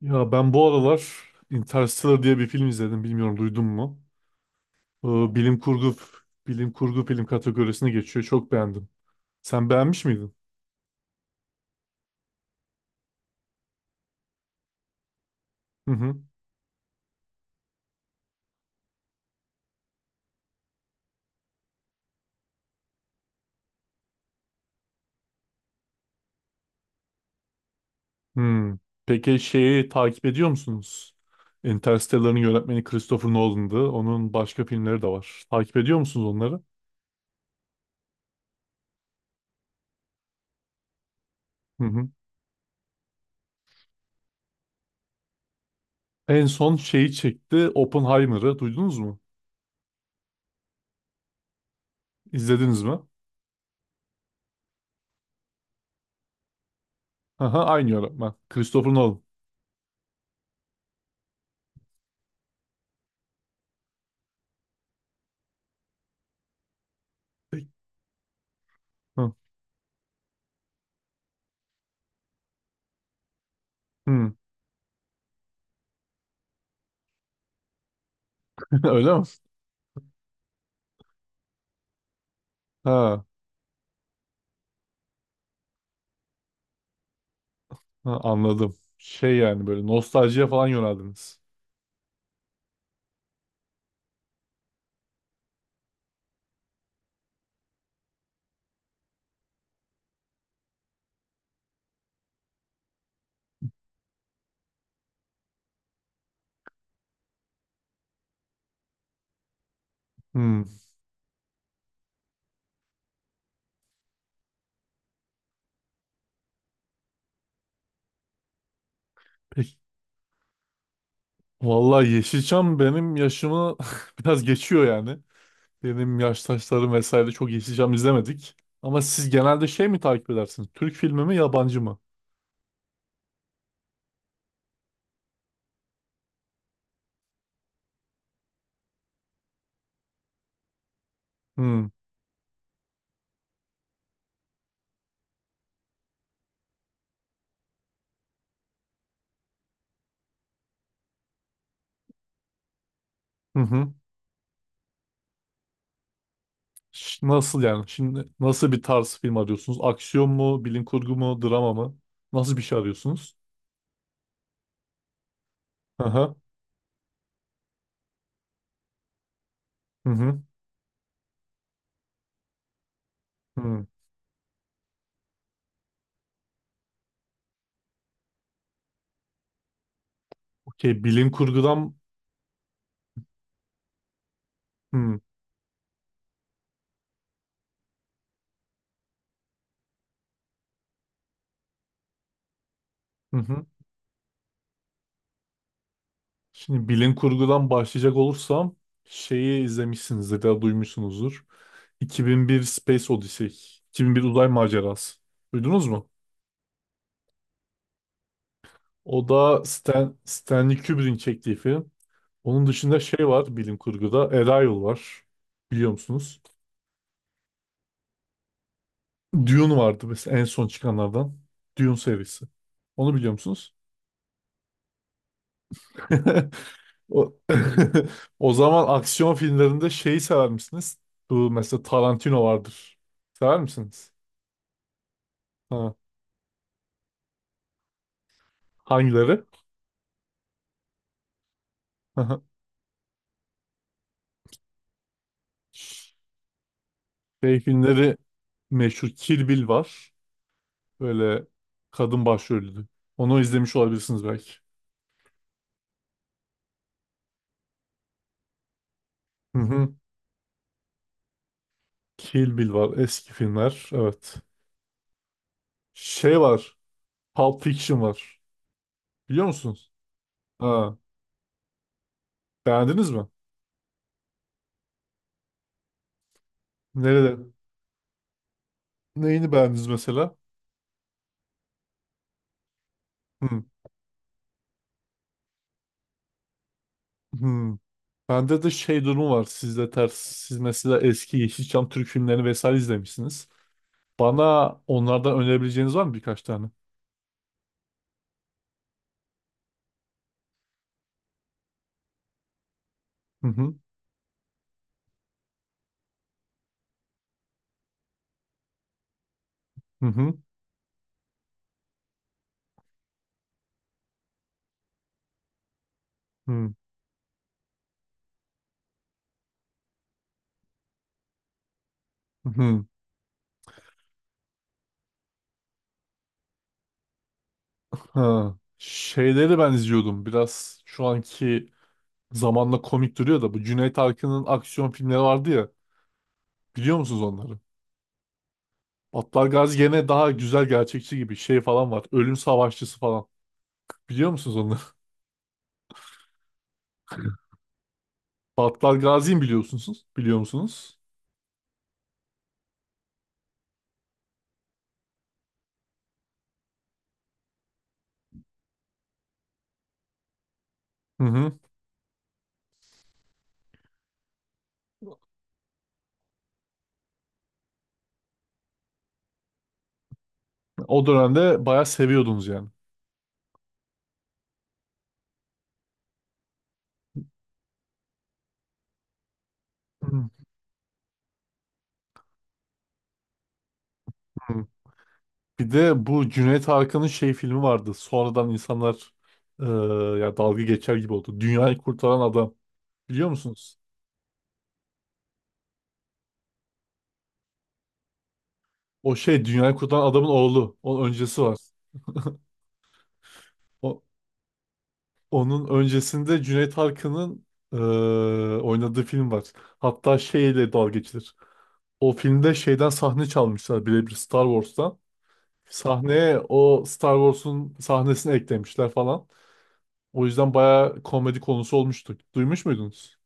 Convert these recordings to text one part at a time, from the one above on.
Ya ben bu aralar Interstellar diye bir film izledim. Bilmiyorum duydun mu? Ee, bilim kurgu bilim kurgu film kategorisine geçiyor. Çok beğendim. Sen beğenmiş miydin? Hı hı. Hmm. Peki şeyi takip ediyor musunuz? Interstellar'ın yönetmeni Christopher Nolan'dı. Onun başka filmleri de var. Takip ediyor musunuz onları? Hı hı. En son şeyi çekti Oppenheimer'ı. Duydunuz mu? İzlediniz mi? Aha, aynı yönetmen. Christopher Nolan. Hı. Hı. Öyle mi? Ha. Ha, anladım. Şey yani böyle nostaljiye falan yöneldiniz. Hmm. Peki. Vallahi Yeşilçam benim yaşımı biraz geçiyor yani. Benim yaştaşlarım vesaire çok Yeşilçam izlemedik. Ama siz genelde şey mi takip edersiniz? Türk filmi mi yabancı mı? Hmm. Hı hı. Nasıl yani? Şimdi nasıl bir tarz film arıyorsunuz? Aksiyon mu? Bilim kurgu mu? Drama mı? Nasıl bir şey arıyorsunuz? Aha. Hı hı. Hı. Okey. Bilim kurgudan... Hı hı. Hı. Şimdi bilim kurgudan başlayacak olursam şeyi izlemişsinizdir ya da duymuşsunuzdur. 2001 Space Odyssey. 2001 Uzay Macerası. Duydunuz mu? O da Stanley Kubrick'in çektiği film. Onun dışında şey var bilim kurguda. Arrival var. Biliyor musunuz? Dune vardı mesela en son çıkanlardan. Dune serisi. Onu biliyor musunuz? O, O zaman aksiyon filmlerinde şeyi sever misiniz? Bu mesela Tarantino vardır. Sever misiniz? Ha, hangileri? Şey filmleri meşhur Kill Bill var. Böyle kadın başrollü. Onu izlemiş olabilirsiniz belki. Hı hı. Kill Bill var. Eski filmler. Evet. Şey var. Pulp Fiction var. Biliyor musunuz? Ha, beğendiniz mi? Nerede? Neyini beğendiniz mesela? Hı. Hı. Bende de şey durumu var. Sizde ters. Siz mesela eski Yeşilçam Türk filmlerini vesaire izlemişsiniz. Bana onlardan önerebileceğiniz var mı birkaç tane? Hı hı. Hı hı. Hı. Hı, ha. Şeyleri ben izliyordum. Biraz şu anki zamanla komik duruyor da bu Cüneyt Arkın'ın aksiyon filmleri vardı ya. Biliyor musunuz onları? Battal Gazi gene daha güzel gerçekçi gibi şey falan var. Ölüm Savaşçısı falan. Biliyor musunuz onları? Battal Gazi'yi mi biliyorsunuz? Biliyor musunuz? Hı hı. O dönemde bayağı seviyordunuz yani. Hı hı. Bir de bu Cüneyt Arkın'ın şey filmi vardı. Sonradan insanlar eee, ya dalga geçer gibi oldu. Dünyayı Kurtaran Adam. Biliyor musunuz? O şey dünyayı kurtaran adamın oğlu. Onun öncesi var. O, Onun öncesinde Cüneyt Arkın'ın eee, oynadığı film var. Hatta şeyle dalga geçilir. O filmde şeyden sahne çalmışlar birebir Star Wars'tan. Sahneye o Star Wars'un sahnesini eklemişler falan. O yüzden bayağı komedi konusu olmuştu. Duymuş muydunuz?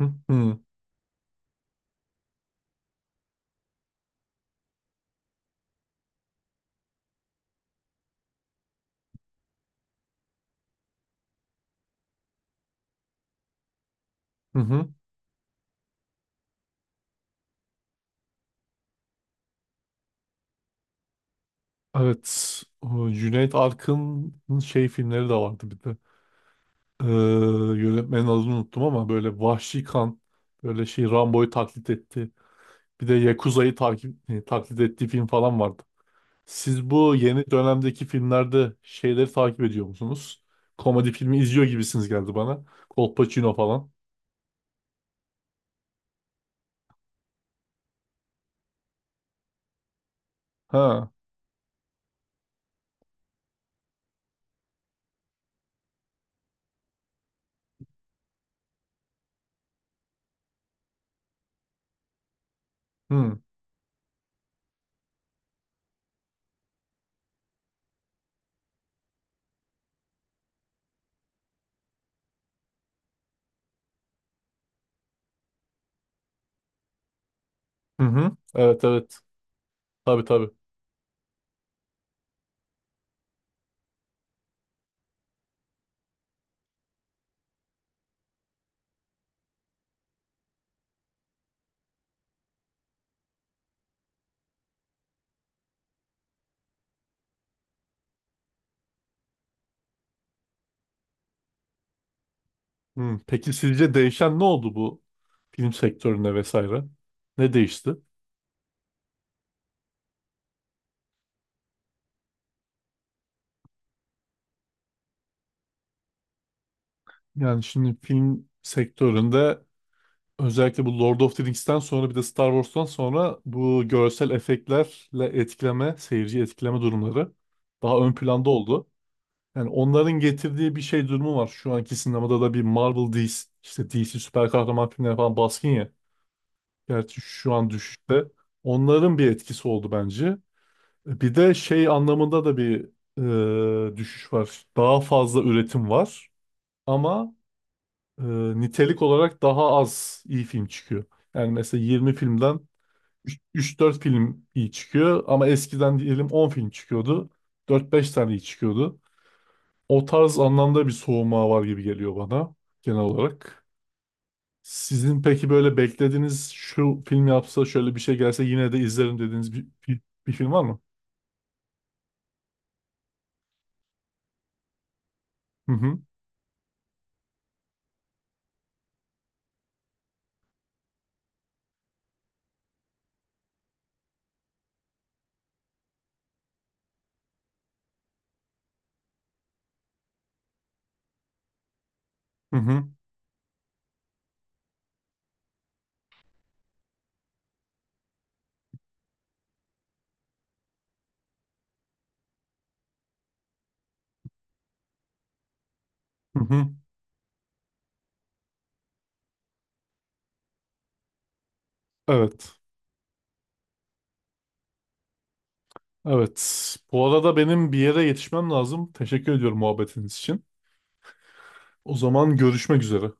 Hı hı. Hı hı. Evet. O Cüneyt Arkın'ın şey filmleri de vardı bir de. Ee, Yönetmenin adını unuttum ama böyle vahşi kan böyle şey Rambo'yu taklit etti. Bir de Yakuza'yı taklit ettiği film falan vardı. Siz bu yeni dönemdeki filmlerde şeyleri takip ediyor musunuz? Komedi filmi izliyor gibisiniz geldi bana. Colpacino falan. Ha. Hı. Hı hı. Evet, evet. Tabii, tabii. Hı. Peki sizce değişen ne oldu bu film sektöründe vesaire? Ne değişti? Yani şimdi film sektöründe özellikle bu Lord of the Rings'ten sonra bir de Star Wars'tan sonra bu görsel efektlerle etkileme, seyirci etkileme durumları daha ön planda oldu. Yani onların getirdiği bir şey durumu var. Şu anki sinemada da bir Marvel DC, işte DC süper kahraman filmleri falan baskın ya. Gerçi şu an düşüşte. Onların bir etkisi oldu bence. Bir de şey anlamında da bir düşüş var. Daha fazla üretim var ama e, nitelik olarak daha az iyi film çıkıyor. Yani mesela 20 filmden üç dört film iyi çıkıyor ama eskiden diyelim 10 film çıkıyordu. Dört beş tane iyi çıkıyordu. O tarz anlamda bir soğuma var gibi geliyor bana genel olarak. Sizin peki böyle beklediğiniz şu film yapsa şöyle bir şey gelse yine de izlerim dediğiniz bir film var mı? Hı hı, hı hı, hı hı. Evet, evet. Bu arada benim bir yere yetişmem lazım. Teşekkür ediyorum muhabbetiniz için. O zaman görüşmek üzere.